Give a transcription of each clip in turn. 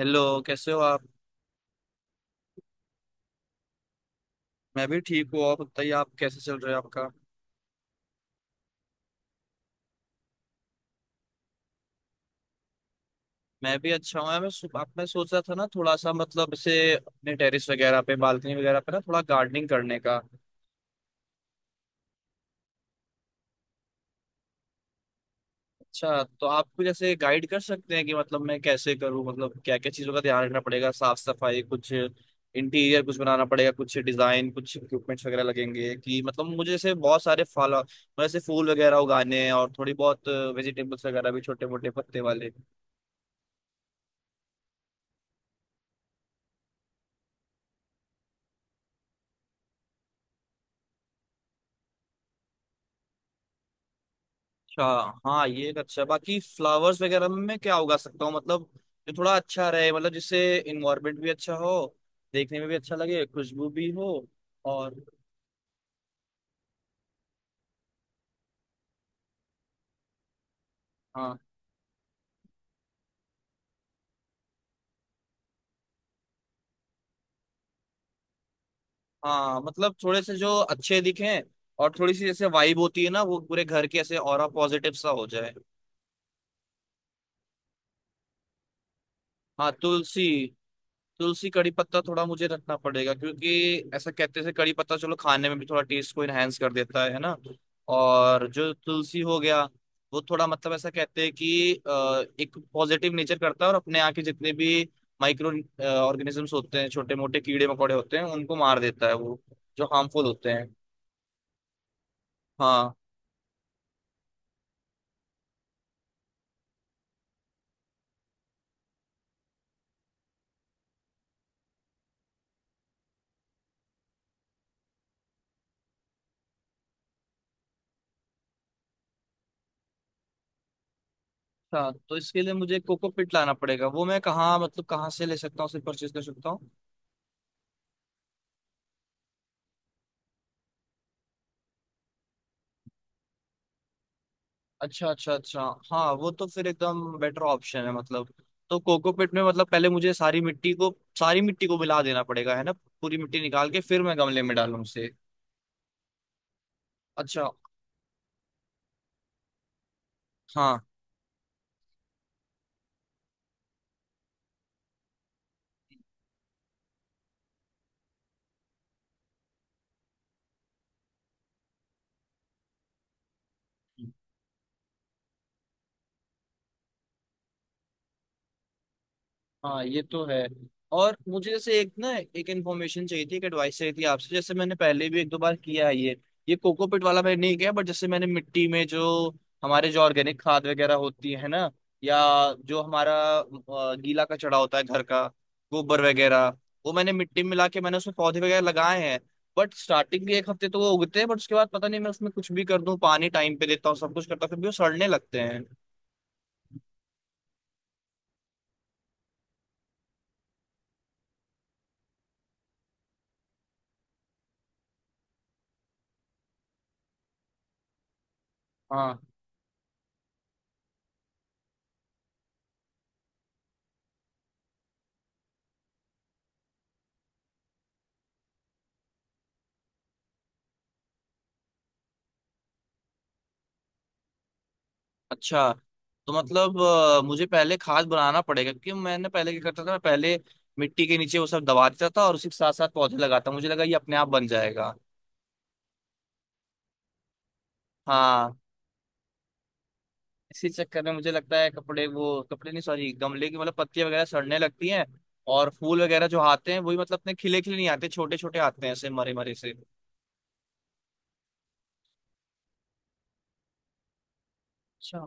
Hello. कैसे हो आप। मैं भी ठीक हूँ। और बताइए आप कैसे चल रहे हो आपका। मैं भी अच्छा हूँ। आप, मैं सोच रहा था ना थोड़ा सा मतलब इसे अपने टेरेस वगैरह पे बालकनी वगैरह पे ना थोड़ा गार्डनिंग करने का। अच्छा तो आप कुछ ऐसे गाइड कर सकते हैं कि मतलब मैं कैसे करूँ, मतलब क्या क्या चीज़ों का ध्यान रखना पड़ेगा। साफ सफाई कुछ इंटीरियर कुछ बनाना पड़ेगा, कुछ डिजाइन, कुछ इक्विपमेंट्स वगैरह लगेंगे कि मतलब मुझे जैसे बहुत सारे फल मतलब ऐसे फूल वगैरह उगाने हैं और थोड़ी बहुत वेजिटेबल्स वगैरह भी छोटे मोटे पत्ते वाले। अच्छा। हाँ ये एक अच्छा है। बाकी फ्लावर्स वगैरह में मैं क्या उगा सकता हूँ मतलब, जो थोड़ा अच्छा रहे, मतलब जिससे इन्वायरमेंट भी अच्छा हो, देखने में भी अच्छा लगे, खुशबू भी हो। और। हाँ। हाँ मतलब थोड़े से जो अच्छे दिखें और थोड़ी सी जैसे वाइब होती है ना, वो पूरे घर के ऐसे ऑरा पॉजिटिव सा हो जाए। हाँ तुलसी। तुलसी कड़ी पत्ता थोड़ा मुझे रखना पड़ेगा, क्योंकि ऐसा कहते हैं कड़ी पत्ता चलो खाने में भी थोड़ा टेस्ट को इनहेंस कर देता है ना। और जो तुलसी हो गया, वो थोड़ा मतलब ऐसा कहते हैं कि एक पॉजिटिव नेचर करता है और अपने यहाँ के जितने भी माइक्रो ऑर्गेनिजम्स होते हैं, छोटे मोटे कीड़े मकोड़े होते हैं, उनको मार देता है वो, जो हार्मफुल होते हैं। हाँ। अच्छा तो इसके लिए मुझे कोकोपीट लाना पड़ेगा। वो मैं कहाँ मतलब कहाँ से ले सकता हूँ, उसे परचेज कर सकता हूँ। अच्छा, अच्छा, अच्छा। हाँ वो तो फिर एकदम बेटर ऑप्शन है मतलब। तो कोकोपीट में मतलब पहले मुझे सारी मिट्टी को मिला देना पड़ेगा, है ना। पूरी मिट्टी निकाल के फिर मैं गमले में डालूं उसे। अच्छा। हाँ हाँ ये तो है। और मुझे जैसे एक इन्फॉर्मेशन चाहिए थी, एक एडवाइस चाहिए थी आपसे। जैसे मैंने पहले भी एक दो बार किया है ये। ये कोकोपीट वाला मैंने नहीं किया, बट जैसे मैंने मिट्टी में जो हमारे जो ऑर्गेनिक खाद वगैरह होती है ना, या जो हमारा अ, गीला कचड़ा होता है घर का, गोबर वगैरह, वो मैंने मिट्टी में मिला के मैंने उसमें पौधे वगैरह लगाए हैं। बट स्टार्टिंग के 1 हफ्ते तो वो उगते हैं, बट उसके बाद पता नहीं मैं उसमें कुछ भी कर दूं, पानी टाइम पे देता हूँ, सब कुछ करता हूँ, फिर भी वो सड़ने लगते हैं। हाँ। अच्छा तो मतलब मुझे पहले खाद बनाना पड़ेगा। क्योंकि मैंने पहले क्या करता था, मैं पहले मिट्टी के नीचे वो सब दबा देता था और उसी के साथ साथ पौधे लगाता, मुझे लगा ये अपने आप बन जाएगा। हाँ। इसी चक्कर में मुझे लगता है कपड़े, वो कपड़े नहीं सॉरी, गमले की मतलब पत्तियां वगैरह सड़ने लगती हैं और फूल वगैरह जो आते हैं वही मतलब इतने खिले खिले नहीं आते, छोटे छोटे आते हैं ऐसे मरे मरे से। अच्छा।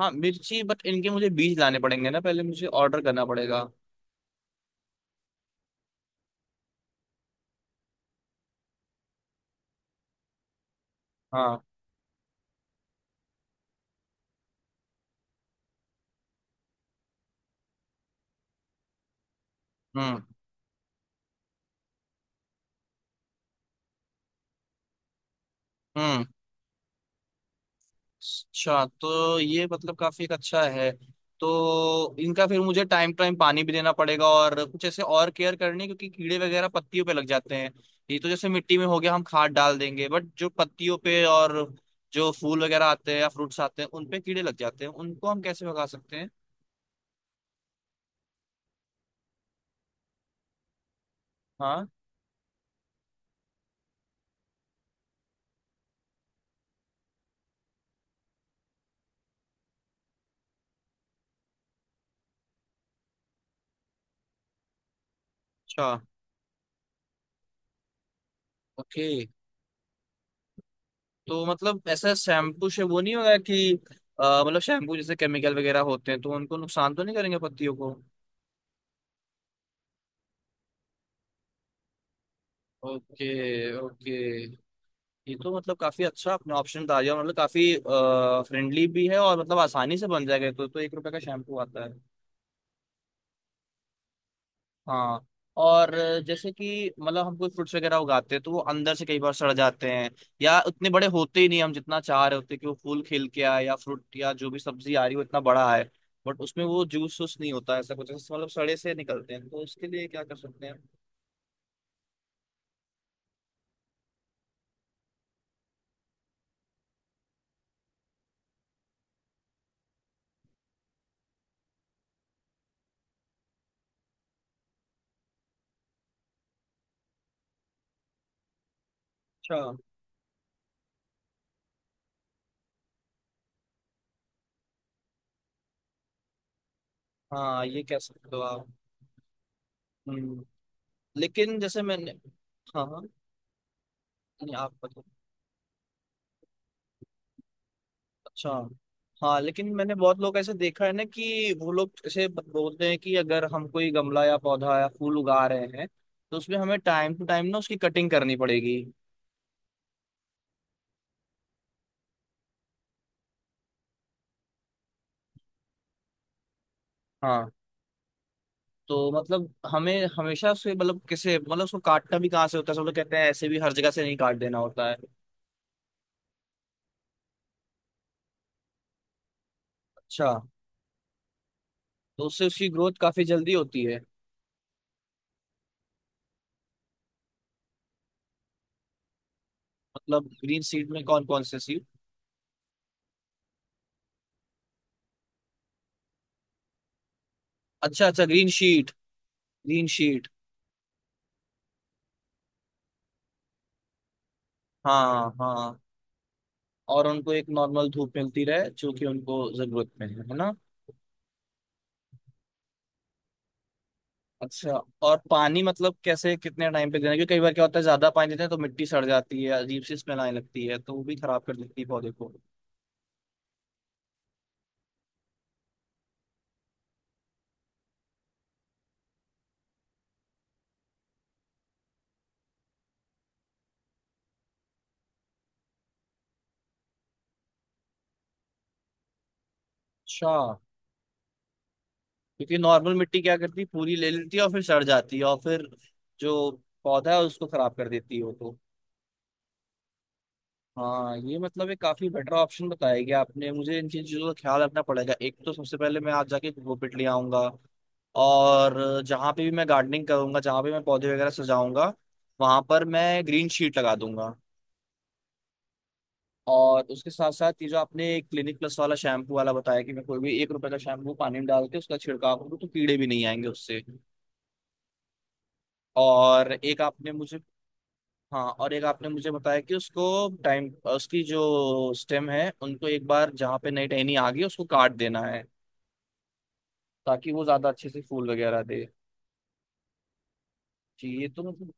हाँ मिर्ची, बट इनके मुझे बीज लाने पड़ेंगे ना, पहले मुझे ऑर्डर करना पड़ेगा। हाँ। हम्म। हम्म। अच्छा तो ये मतलब काफी एक अच्छा है। तो इनका फिर मुझे टाइम टाइम पानी भी देना पड़ेगा और कुछ ऐसे और केयर करनी है, क्योंकि कीड़े वगैरह पत्तियों पे लग जाते हैं। ये तो जैसे मिट्टी में हो गया हम खाद डाल देंगे, बट जो पत्तियों पे और जो फूल वगैरह आते हैं या फ्रूट्स आते हैं उन पे कीड़े लग जाते हैं, उनको हम कैसे भगा सकते हैं। हाँ। अच्छा। ओके। तो मतलब ऐसा शैम्पू से वो नहीं होगा कि मतलब शैम्पू जैसे केमिकल वगैरह होते हैं, तो उनको नुकसान तो नहीं करेंगे पत्तियों को। ओके। ओके। ये तो मतलब काफी अच्छा आपने ऑप्शन डाल दिया, मतलब काफी फ्रेंडली भी है और मतलब आसानी से बन जाएगा ये तो। तो एक रुपए का शैम्पू आता है। हाँ। और जैसे कि मतलब हम कोई फ्रूट्स वगैरह उगाते हैं तो वो अंदर से कई बार सड़ जाते हैं या उतने बड़े होते ही नहीं हम जितना चाह रहे होते कि वो फूल खिल के आए या फ्रूट या जो भी सब्जी आ रही हो इतना बड़ा है, बट उसमें वो जूस वूस नहीं होता, ऐसा कुछ ऐसा मतलब सड़े से निकलते हैं, तो उसके लिए क्या कर सकते हैं। अच्छा। हाँ ये कह सकते हो आप। हम्म, लेकिन जैसे मैंने। हाँ हाँ। नहीं, आप बताओ। अच्छा। हाँ लेकिन मैंने बहुत लोग ऐसे देखा है ना, कि वो लोग ऐसे बोलते हैं कि अगर हम कोई गमला या पौधा या फूल उगा रहे हैं तो उसमें हमें टाइम टू टाइम ना उसकी कटिंग करनी पड़ेगी। हाँ। तो मतलब हमें हमेशा उसके मतलब किसे मतलब उसको काटना भी कहाँ से होता है, सब लोग कहते हैं ऐसे भी हर जगह से नहीं काट देना होता है। अच्छा। तो उससे उसकी ग्रोथ काफी जल्दी होती है। मतलब ग्रीन सीड में कौन कौन से सीड। अच्छा अच्छा ग्रीन शीट। Green sheet. हाँ हाँ। और उनको एक नॉर्मल धूप मिलती रहे जो कि उनको जरूरत में है ना। अच्छा। और पानी मतलब कैसे कितने टाइम पे देना है? क्योंकि कई बार क्या होता है, ज्यादा पानी देते हैं तो मिट्टी सड़ जाती है, अजीब सी स्मेल आने लगती है, तो वो भी खराब कर देती है पौधे को। अच्छा। क्योंकि नॉर्मल मिट्टी क्या करती है, पूरी ले लेती है और फिर सड़ जाती है और फिर जो पौधा है उसको खराब कर देती है वो तो। हाँ ये मतलब एक काफी बेटर ऑप्शन बताया गया आपने, मुझे इन चीजों का ख्याल रखना पड़ेगा। एक तो सबसे पहले मैं आज जाके वो पिट ले आऊंगा, और जहां पे भी मैं गार्डनिंग करूंगा, जहां पे मैं पौधे वगैरह सजाऊंगा, वहां पर मैं ग्रीन शीट लगा दूंगा। और उसके साथ साथ ये जो आपने क्लिनिक प्लस वाला शैम्पू वाला बताया कि मैं कोई भी एक रुपए का शैम्पू पानी में डाल के उसका छिड़काव करूँ तो कीड़े भी नहीं आएंगे उससे। और एक आपने मुझे। हाँ और एक आपने मुझे बताया कि उसको टाइम, उसकी जो स्टेम है उनको एक बार जहाँ पे नई टहनी आ गई उसको काट देना है, ताकि वो ज्यादा अच्छे से फूल वगैरह दे। जी ये तो मतलब।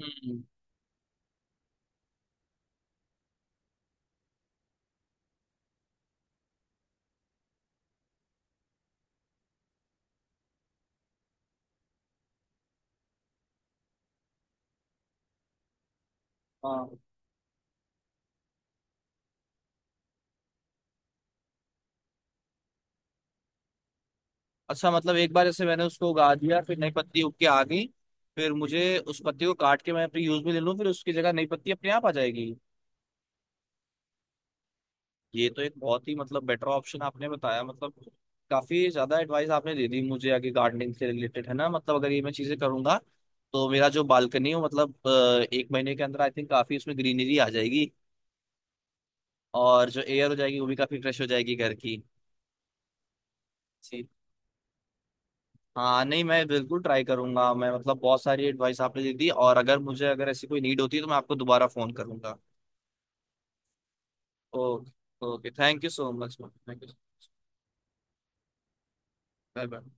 हम्म। हाँ। अच्छा मतलब एक बार ऐसे मैंने उसको उगा दिया, फिर नई पत्ती उग के आ गई, फिर मुझे उस पत्ती को काट के मैं अपने यूज में ले लूँ, फिर उसकी जगह नई पत्ती अपने आप आ जाएगी। ये तो एक बहुत ही मतलब बेटर ऑप्शन आपने बताया मतलब। काफी ज्यादा एडवाइस आपने दे दी मुझे आगे गार्डनिंग से रिलेटेड, है ना। मतलब अगर ये मैं चीजें करूंगा तो मेरा जो बालकनी हो मतलब 1 महीने के अंदर आई थिंक काफी उसमें ग्रीनरी आ जाएगी। और जो एयर हो जाएगी वो भी काफी फ्रेश हो जाएगी घर की। जी। हाँ नहीं मैं बिल्कुल ट्राई करूंगा मैं, मतलब बहुत सारी एडवाइस आपने दे दी और अगर मुझे अगर ऐसी कोई नीड होती है तो मैं आपको दोबारा फोन करूंगा। Okay. Okay thank you so much, thank you. Bye bye.